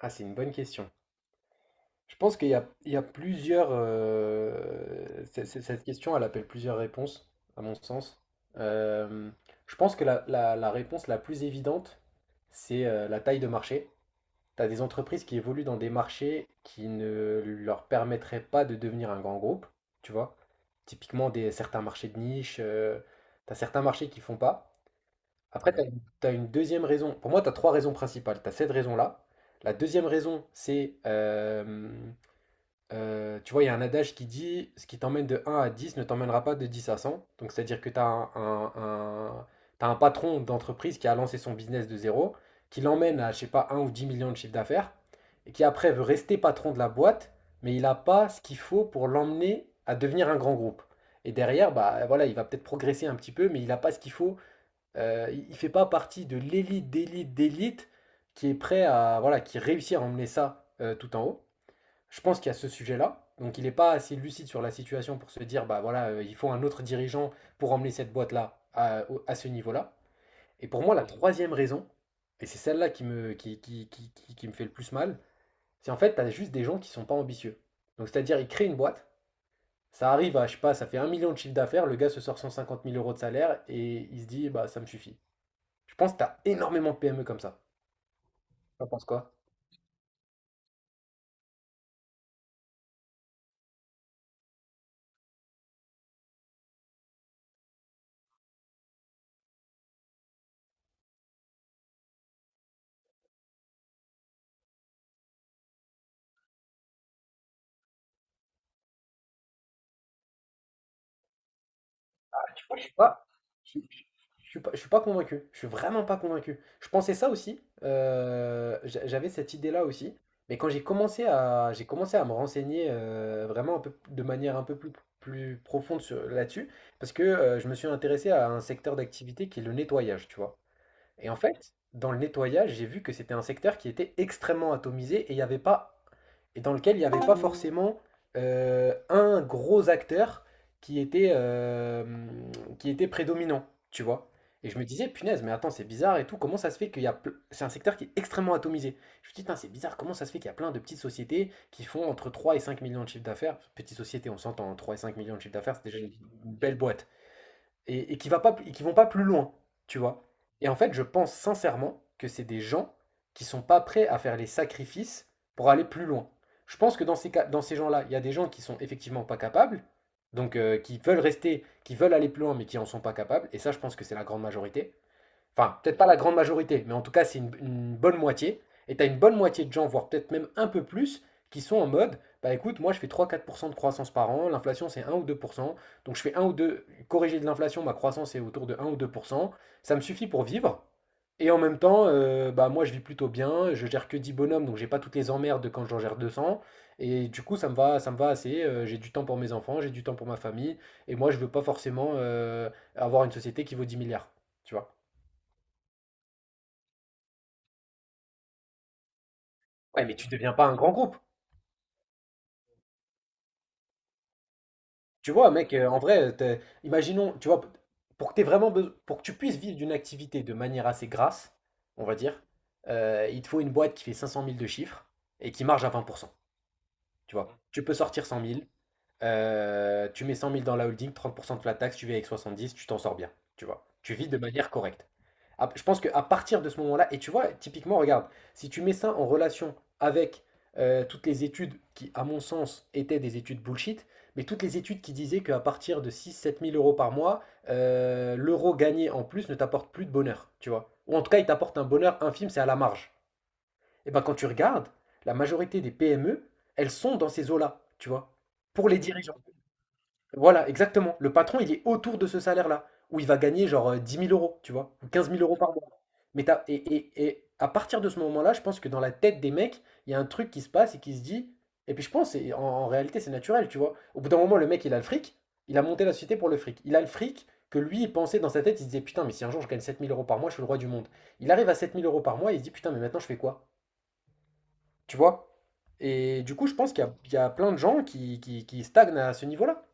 Ah, c'est une bonne question. Je pense qu'il y a, il y a plusieurs, cette question, elle appelle plusieurs réponses, à mon sens. Euh, je pense que la réponse la plus évidente, c'est la taille de marché. Tu as des entreprises qui évoluent dans des marchés qui ne leur permettraient pas de devenir un grand groupe, tu vois. Typiquement, des, certains marchés de niche, tu as certains marchés qui font pas. Après, tu as, une t'as une deuxième raison. Pour moi, tu as trois raisons principales. Tu as cette raison-là. La deuxième raison, c'est, tu vois, il y a un adage qui dit, ce qui t'emmène de un à 10 ne t'emmènera pas de 10 à 100. Donc, c'est-à-dire que tu as t'as un patron d'entreprise qui a lancé son business de zéro, qui l'emmène à, je sais pas, un ou 10 millions de chiffre d'affaires, et qui après veut rester patron de la boîte, mais il n'a pas ce qu'il faut pour l'emmener à devenir un grand groupe. Et derrière, bah voilà, il va peut-être progresser un petit peu, mais il n'a pas ce qu'il faut il fait pas partie de l'élite d'élite d'élite qui est prêt à voilà qui réussit à emmener ça tout en haut. Je pense qu'il y a ce sujet-là. Donc il n'est pas assez lucide sur la situation pour se dire bah voilà il faut un autre dirigeant pour emmener cette boîte-là à ce niveau-là. Et pour moi la troisième raison et c'est celle-là qui me fait le plus mal, c'est en fait tu as juste des gens qui ne sont pas ambitieux. Donc c'est-à-dire ils créent une boîte, ça arrive à je sais pas ça fait un million de chiffre d'affaires, le gars se sort 150 000 euros de salaire et il se dit bah ça me suffit. Je pense que tu as énormément de PME comme ça. Tu penses quoi? Moi, je, je- je suis pas convaincu. Je suis vraiment pas convaincu. Je pensais ça aussi. J'avais cette idée-là aussi. Mais quand j'ai commencé à me renseigner vraiment un peu, de manière un peu plus profonde là-dessus, parce que je me suis intéressé à un secteur d'activité qui est le nettoyage, tu vois. Et en fait, dans le nettoyage, j'ai vu que c'était un secteur qui était extrêmement atomisé et dans lequel il n'y avait pas forcément un gros acteur qui était euh, qui était prédominant, tu vois. Et je me disais, punaise, mais attends, c'est bizarre et tout. Comment ça se fait qu'il y a. ple- C'est un secteur qui est extrêmement atomisé. Je me dis, putain, c'est bizarre. Comment ça se fait qu'il y a plein de petites sociétés qui font entre 3 et 5 millions de chiffres d'affaires? Petites sociétés, on s'entend, hein, 3 et 5 millions de chiffres d'affaires, c'est déjà une belle boîte et qui va pas, et qui vont pas plus loin, tu vois. Et en fait, je pense sincèrement que c'est des gens qui sont pas prêts à faire les sacrifices pour aller plus loin. Je pense que dans dans ces gens-là, il y a des gens qui sont effectivement pas capables, donc qui veulent rester, qui veulent aller plus loin, mais qui en sont pas capables. Et ça, je pense que c'est la grande majorité. Enfin, peut-être pas la grande majorité, mais en tout cas, c'est une bonne moitié. Et tu as une bonne moitié de gens, voire peut-être même un peu plus, qui sont en mode bah écoute, moi je fais trois à quatre pour cent de croissance par an, l'inflation c'est un ou 2%, donc je fais un ou 2 corrigé de l'inflation, ma croissance est autour de un ou 2%. Ça me suffit pour vivre, et en même temps, bah moi je vis plutôt bien, je gère que 10 bonhommes, donc j'ai pas toutes les emmerdes de quand j'en gère 200. Et du coup ça me va assez, j'ai du temps pour mes enfants, j'ai du temps pour ma famille, et moi je veux pas forcément avoir une société qui vaut 10 milliards, tu vois. Ouais, mais tu deviens pas un grand groupe. Tu vois, mec, en vrai, imaginons, tu vois, pour que t'aies vraiment beso- pour que tu puisses vivre d'une activité de manière assez grasse, on va dire, il te faut une boîte qui fait 500 000 de chiffres et qui marge à 20%. Tu vois, tu peux sortir 100 000. Tu mets cent mille dans la holding, 30% de flat tax, tu vis avec 70, tu t'en sors bien, tu vois. Tu vis de manière correcte. Je pense qu'à partir de ce moment-là, et tu vois, typiquement, regarde, si tu mets ça en relation avec toutes les études qui, à mon sens, étaient des études bullshit, mais toutes les études qui disaient qu'à partir de six, sept mille euros par mois, l'euro gagné en plus ne t'apporte plus de bonheur, tu vois. Ou en tout cas, il t'apporte un bonheur infime, c'est à la marge. Et ben quand tu regardes, la majorité des PME, elles sont dans ces eaux-là, tu vois, pour les dirigeants. Voilà, exactement. Le patron, il est autour de ce salaire-là, où il va gagner genre 10 000 euros, tu vois, ou 15 000 euros par mois. Et à partir de ce moment-là, je pense que dans la tête des mecs, il y a un truc qui se passe et qui se dit. Et puis je pense, et en réalité, c'est naturel, tu vois. Au bout d'un moment, le mec, il a le fric, il a monté la société pour le fric. Il a le fric que lui, il pensait dans sa tête, il se disait, putain, mais si un jour je gagne sept mille euros par mois, je suis le roi du monde. Il arrive à sept mille euros par mois, il se dit, putain, mais maintenant, je fais quoi? Tu vois? Et du coup, je pense qu'il y, a il y a plein de gens qui stagnent à ce niveau-là.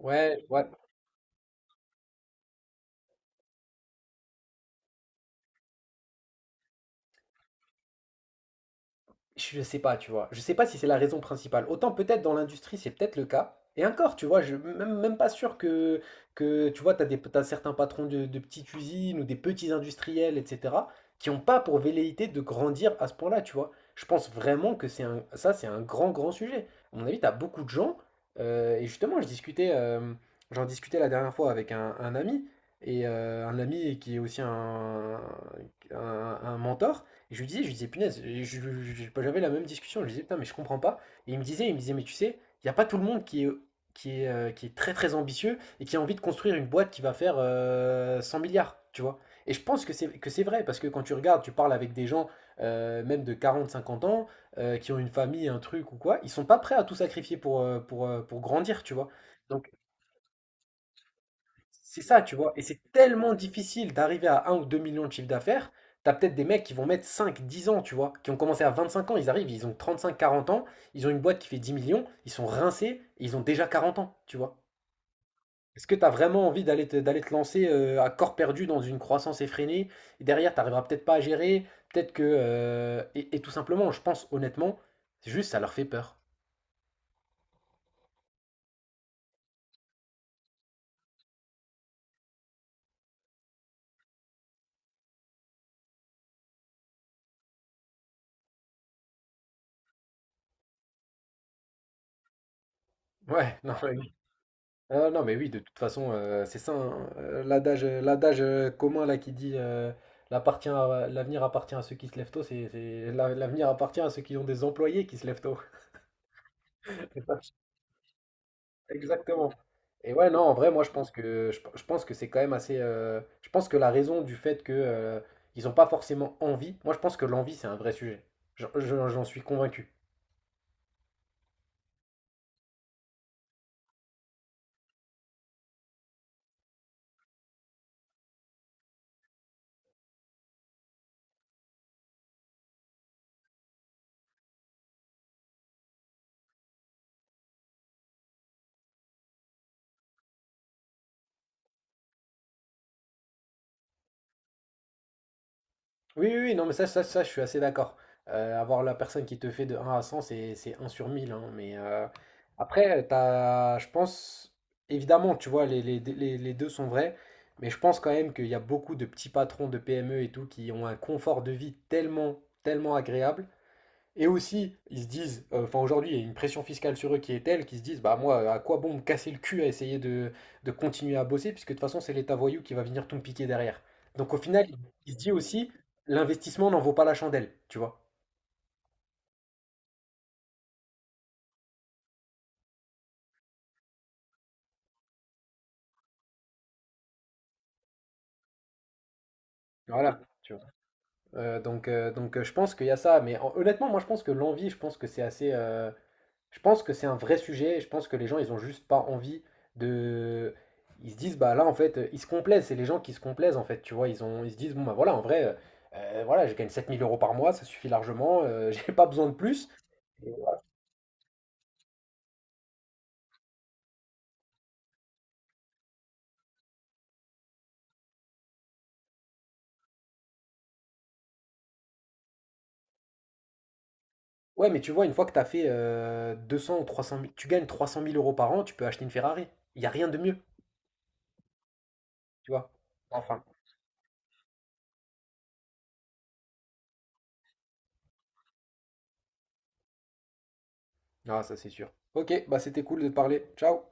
Ouais, ouais. Je sais pas, tu vois. Je sais pas si c'est la raison principale. Autant peut-être dans l'industrie, c'est peut-être le cas. Et encore, tu vois, même pas sûr que tu vois, t'as certains patrons de petites usines ou des petits industriels, etc., qui ont pas pour velléité de grandir à ce point-là, tu vois. Je pense vraiment que c'est un grand, grand sujet. À mon avis, t'as beaucoup de gens, et justement, j'en discutais la dernière fois avec un ami, et un ami qui est aussi un, un mentor, et je lui disais, punaise, j'avais la même discussion, je lui disais, putain, mais je comprends pas. Et il me disait, mais tu sais, il n'y a pas tout le monde qui est très très ambitieux et qui a envie de construire une boîte qui va faire 100 milliards, tu vois. Et je pense que c'est vrai, parce que quand tu regardes, tu parles avec des gens, même de quarante cinquante ans, qui ont une famille, un truc ou quoi, ils sont pas prêts à tout sacrifier pour, pour grandir, tu vois. Donc, c'est ça, tu vois. Et c'est tellement difficile d'arriver à un ou 2 millions de chiffre d'affaires. T'as peut-être des mecs qui vont mettre 5, 10 ans, tu vois, qui ont commencé à 25 ans, ils arrivent, ils ont trente-cinq, quarante ans, ils ont une boîte qui fait 10 millions, ils sont rincés, et ils ont déjà 40 ans, tu vois. Est-ce que t'as vraiment envie d'aller te lancer à corps perdu dans une croissance effrénée et derrière, t'arriveras peut-être pas à gérer, peut-être que, et tout simplement, je pense honnêtement, c'est juste ça leur fait peur. Ouais, oui. Ah, non, mais oui, de toute façon, c'est ça, hein, l'adage commun là qui dit l'avenir appartient à ceux qui se lèvent tôt, l'avenir appartient à ceux qui ont des employés qui se lèvent tôt. C'est ça. Exactement. Et ouais, non, en vrai, moi, je pense que c'est quand même assez. Je pense que la raison du fait que ils n'ont pas forcément envie, moi, je pense que l'envie, c'est un vrai sujet. J'en suis convaincu. Oui, non, mais ça, je suis assez d'accord. Avoir la personne qui te fait de un à 100 c'est un sur 1000 hein, mais après, t'as, je pense, évidemment, tu vois, les deux sont vrais. Mais je pense quand même qu'il y a beaucoup de petits patrons de PME et tout qui ont un confort de vie tellement, tellement agréable et aussi, ils se disent, enfin aujourd'hui, il y a une pression fiscale sur eux qui est telle qu'ils se disent, bah moi, à quoi bon me casser le cul à essayer de continuer à bosser, puisque de toute façon, c'est l'État voyou qui va venir tout me piquer derrière. Donc au final, il se dit aussi, l'investissement n'en vaut pas la chandelle, tu vois. Voilà. Je pense qu'il y a ça. Honnêtement, moi, je pense que l'envie, je pense que c'est assez. Je pense que c'est un vrai sujet. Je pense que les gens, ils ont juste pas envie de. Ils se disent, bah là, en fait, ils se complaisent. C'est les gens qui se complaisent, en fait. Tu vois, ils se disent, bon, bah voilà, en vrai, voilà, je gagne 7000 € par mois, ça suffit largement, j'ai pas besoin de plus. Et voilà. Ouais, mais tu vois, une fois que t'as fait 200 ou 300 000, tu gagnes trois cent mille euros par an, tu peux acheter une Ferrari. Il y a rien de mieux, tu vois. Enfin, ah, ça, c'est sûr. Ok, bah c'était cool de te parler. Ciao!